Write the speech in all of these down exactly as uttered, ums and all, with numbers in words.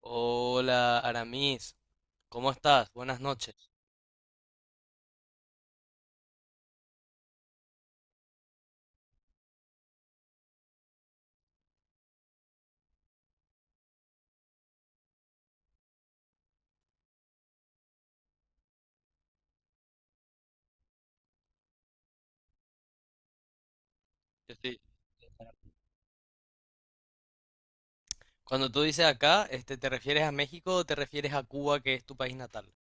Hola, Aramis. ¿Cómo estás? Buenas noches. Yo estoy- Cuando tú dices acá, este, ¿te refieres a México o te refieres a Cuba, que es tu país natal?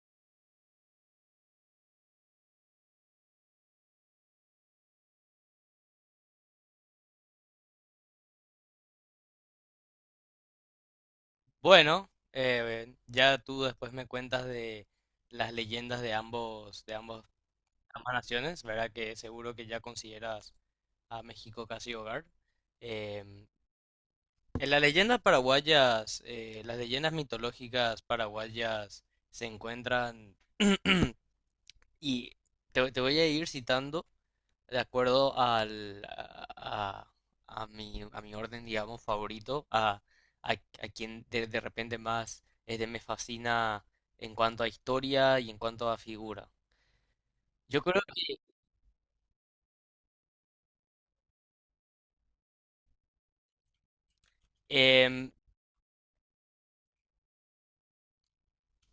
Bueno, eh, ya tú después me cuentas de las leyendas de ambos, de ambos, ambas naciones, ¿verdad? Que seguro que ya consideras a México casi hogar. Em, en las leyendas paraguayas, eh, las leyendas mitológicas paraguayas se encuentran Y te, te voy a ir citando de acuerdo al, a, a- a mi, a mi orden, digamos, favorito, a, a, a quien de, de repente más este, me fascina en cuanto a historia y en cuanto a figura. Yo creo que, em,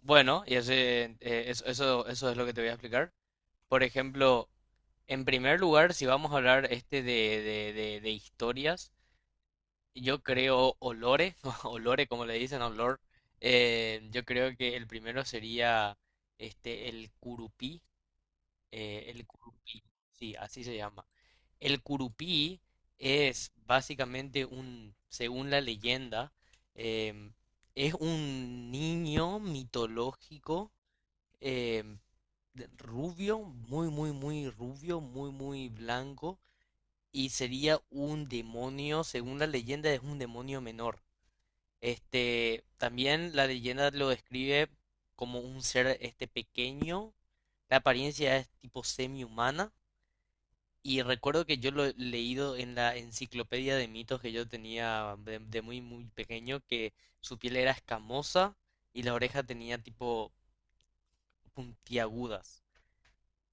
bueno, y ese, eh, eso, eso, eso es lo que te voy a explicar. Por ejemplo, en primer lugar, si vamos a hablar este de, de, de, de historias, yo creo Olore, Olore como le dicen, Olor. Eh, yo creo que el primero sería este el curupí, eh, el curupí, Sí, así se llama. El curupí es básicamente un, según la leyenda, em, es un niño mitológico, em, de- rubio, muy, muy, muy rubio, muy, muy blanco, y sería un demonio, según la leyenda, es un demonio menor. Este, también la leyenda lo describe como un ser este pequeño. La apariencia es tipo semi-humana. Y recuerdo que yo lo he leído en la enciclopedia de mitos que yo tenía de, de muy muy pequeño, que su piel era escamosa y la oreja tenía tipo puntiagudas.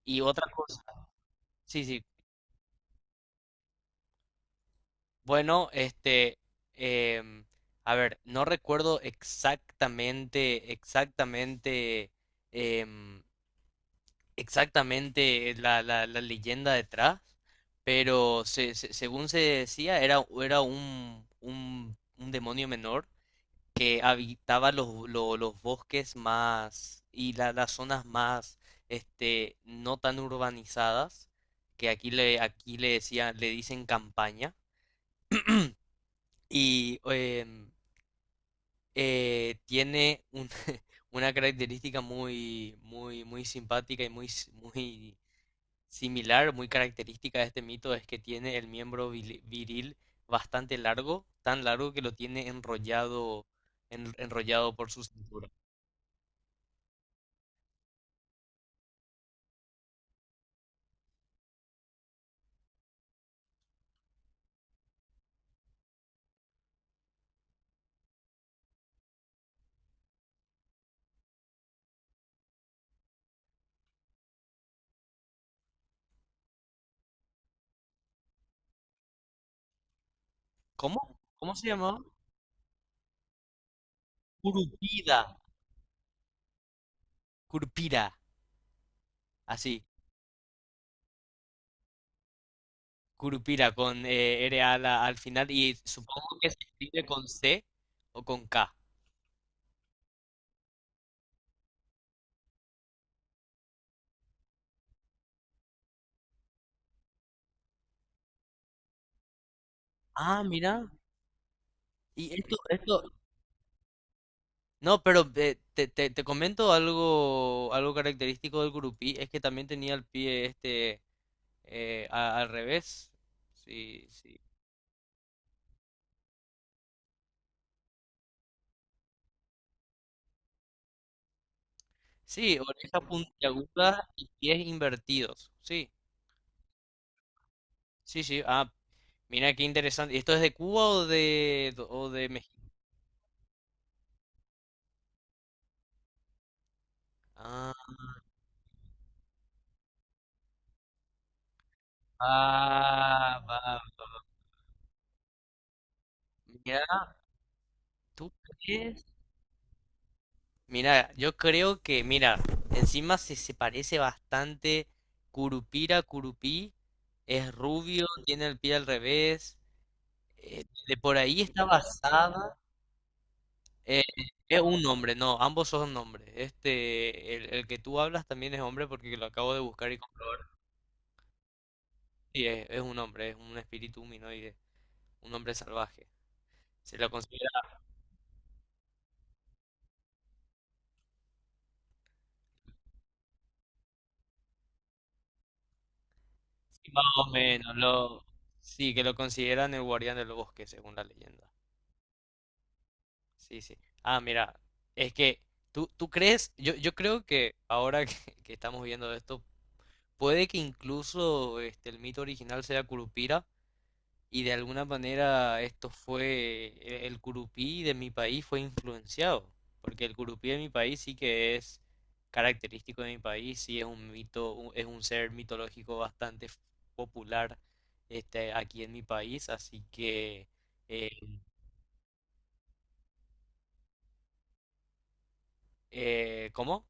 Y otra cosa, sí, sí. Bueno, este, em, a ver, no recuerdo exactamente, exactamente em, exactamente eh, la, la, la leyenda detrás, pero se- se- según se decía, era, era un, un, un demonio menor que habitaba los, lo- los bosques más y la- las zonas más este, no tan urbanizadas, que aquí le, aquí le decía, le dicen campaña, y em, eh, tiene un- una característica muy, muy, muy simpática y muy, s- muy similar, muy característica de este mito es que tiene el miembro vili- viril bastante largo, tan largo que lo tiene enrollado, en- enrollado por su cintura. ¿Cómo? ¿Cómo se llamaba? Curupira. Curupira, así. Curupira con eh, R a la- al final, y supongo que se escribe con C o con K. Ah, mira. Y esto, esto. No, pero eh, te, te, te comento algo, algo característico del curupí, es que también tenía el pie este eh, a- al revés. Sí, sí. Sí, orejas puntiagudas y pies invertidos. Sí, sí, sí. Ah, mira qué interesante. ¿Esto es de Cuba o de, o de México? Ah, ah, va. Mira, ¿tú crees? Mira, yo creo que, mira, encima se, se parece bastante. Curupira, Curupí. Es rubio, tiene el pie al revés. Eh, de por ahí está basada. Eh, es un hombre, no, ambos son nombres. Este, el, el que tú hablas también es hombre porque lo acabo de buscar y comprobar. Y es, es un hombre, es un espíritu humanoide, un hombre salvaje. Se lo considera así más o menos, lo, sí, que lo consideran el guardián del bosque, según la leyenda. Sí, sí. Ah, mira, es que tú, tú crees, yo, yo creo que ahora que, que estamos viendo esto, puede que incluso este, el mito original sea Curupira, y de alguna manera esto fue, e- el curupí de mi país fue influenciado, porque el curupí de mi país sí que es característico de mi país, sí es un mito, u- es un ser mitológico bastante f- popular este, aquí en mi país, así que, eh, eh, ¿cómo?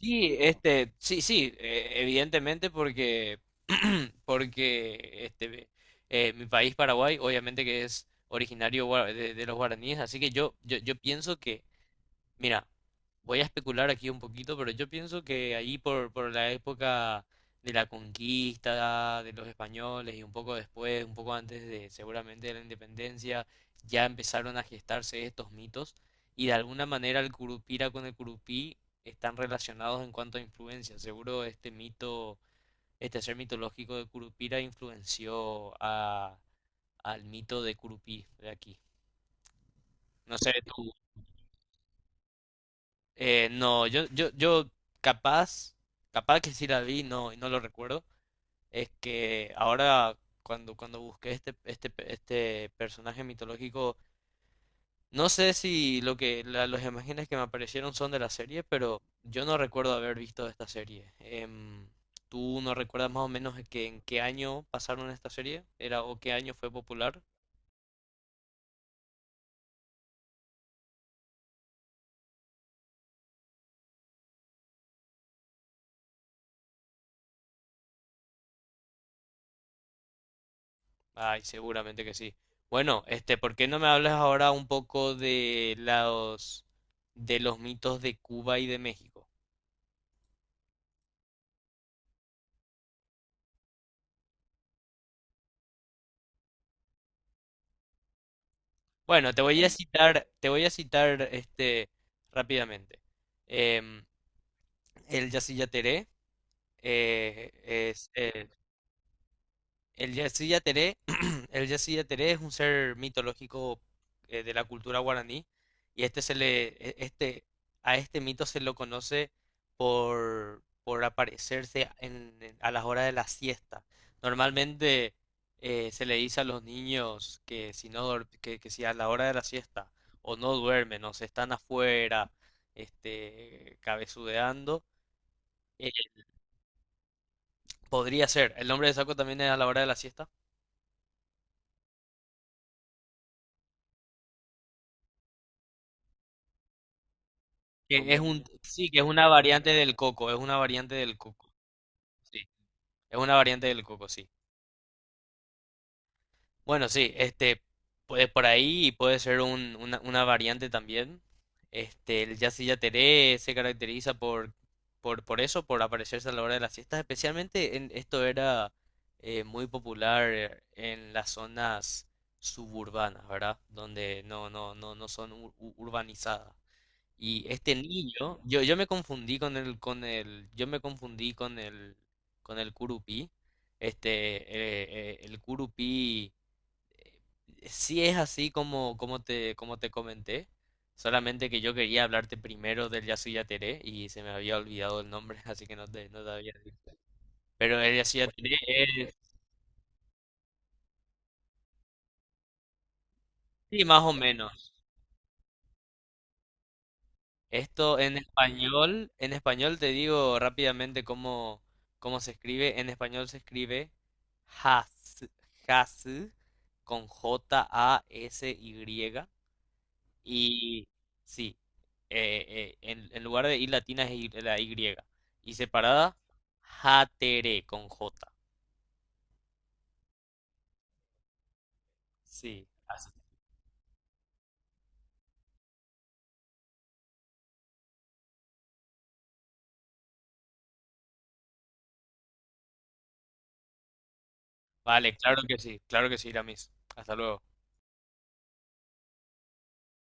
Sí, este, sí, sí, eh, evidentemente porque, porque este, eh, mi país, Paraguay, obviamente que es originario gua- de, de los guaraníes, así que yo, yo, yo pienso que, mira, voy a especular aquí un poquito, pero yo pienso que ahí por, por la época de la conquista de los españoles y un poco después, un poco antes de seguramente de la independencia, ya empezaron a gestarse estos mitos, y de alguna manera el Curupira con el Curupí están relacionados en cuanto a influencia. Seguro este mito, este ser mitológico de Curupira influenció a, al mito de Curupí de aquí. No sé, tú, eh, no, yo, yo, yo capaz, capaz que sí la vi, no, y no lo recuerdo. Es que ahora cuando, cuando busqué este, este, pe- este personaje mitológico, no sé si lo que la- las imágenes que me aparecieron son de la serie, pero yo no recuerdo haber visto esta serie. Em, ¿tú no recuerdas más o menos que en qué año pasaron esta serie? ¿Era o qué año fue popular? Ay, seguramente que sí. Bueno, este, ¿por qué no me hablas ahora un poco de los de los mitos de Cuba y de México? Bueno, te voy a Em, citar, te voy a citar este rápidamente. Em, el Yacyretá eh, es eh, el Yassi Yateré, el Yassi Yateré es un ser mitológico eh, de la cultura guaraní, y este se le, e- este, a este mito se lo conoce por, por aparecerse en- en- a las horas de la siesta. Normalmente eh, se le dice a los niños que si no duer- que, que si a la hora de la siesta o no duermen o se están afuera este, cabezudeando, eh, podría ser. ¿El nombre de saco también es a la hora de la siesta? Que es un, sí, que es una variante del coco, es una variante del coco. Sí, es una variante del coco, sí. Bueno, sí, este, puede por ahí puede ser un- una, una variante también. Este, el Yacyretá yateré se caracteriza por, por, por eso, por aparecerse a la hora de las siestas, especialmente en, esto era eh, muy popular en las zonas suburbanas, ¿verdad? Donde no, no, no, no son ur- u- urbanizadas. Y este niño, yo, yo me confundí con el, con el, yo me confundí con el, con el curupí. Este, eh, eh, el curupí eh, sí es así como, como te, como te comenté. Solamente que yo quería hablarte primero del Yasuyateré y se me había olvidado el nombre, así que no te, no te había dicho. Pero el Yasuyateré es, sí, más o menos. Esto en español, en español te digo rápidamente cómo, cómo se escribe. En español se escribe has, has con jota a ese i griega. Y Y sí, eh, eh, en, en lugar de I latina es Y- la Y. Y separada, jatere con J. Sí, así. Vale, claro que sí, claro que sí, Iramis. Hasta luego.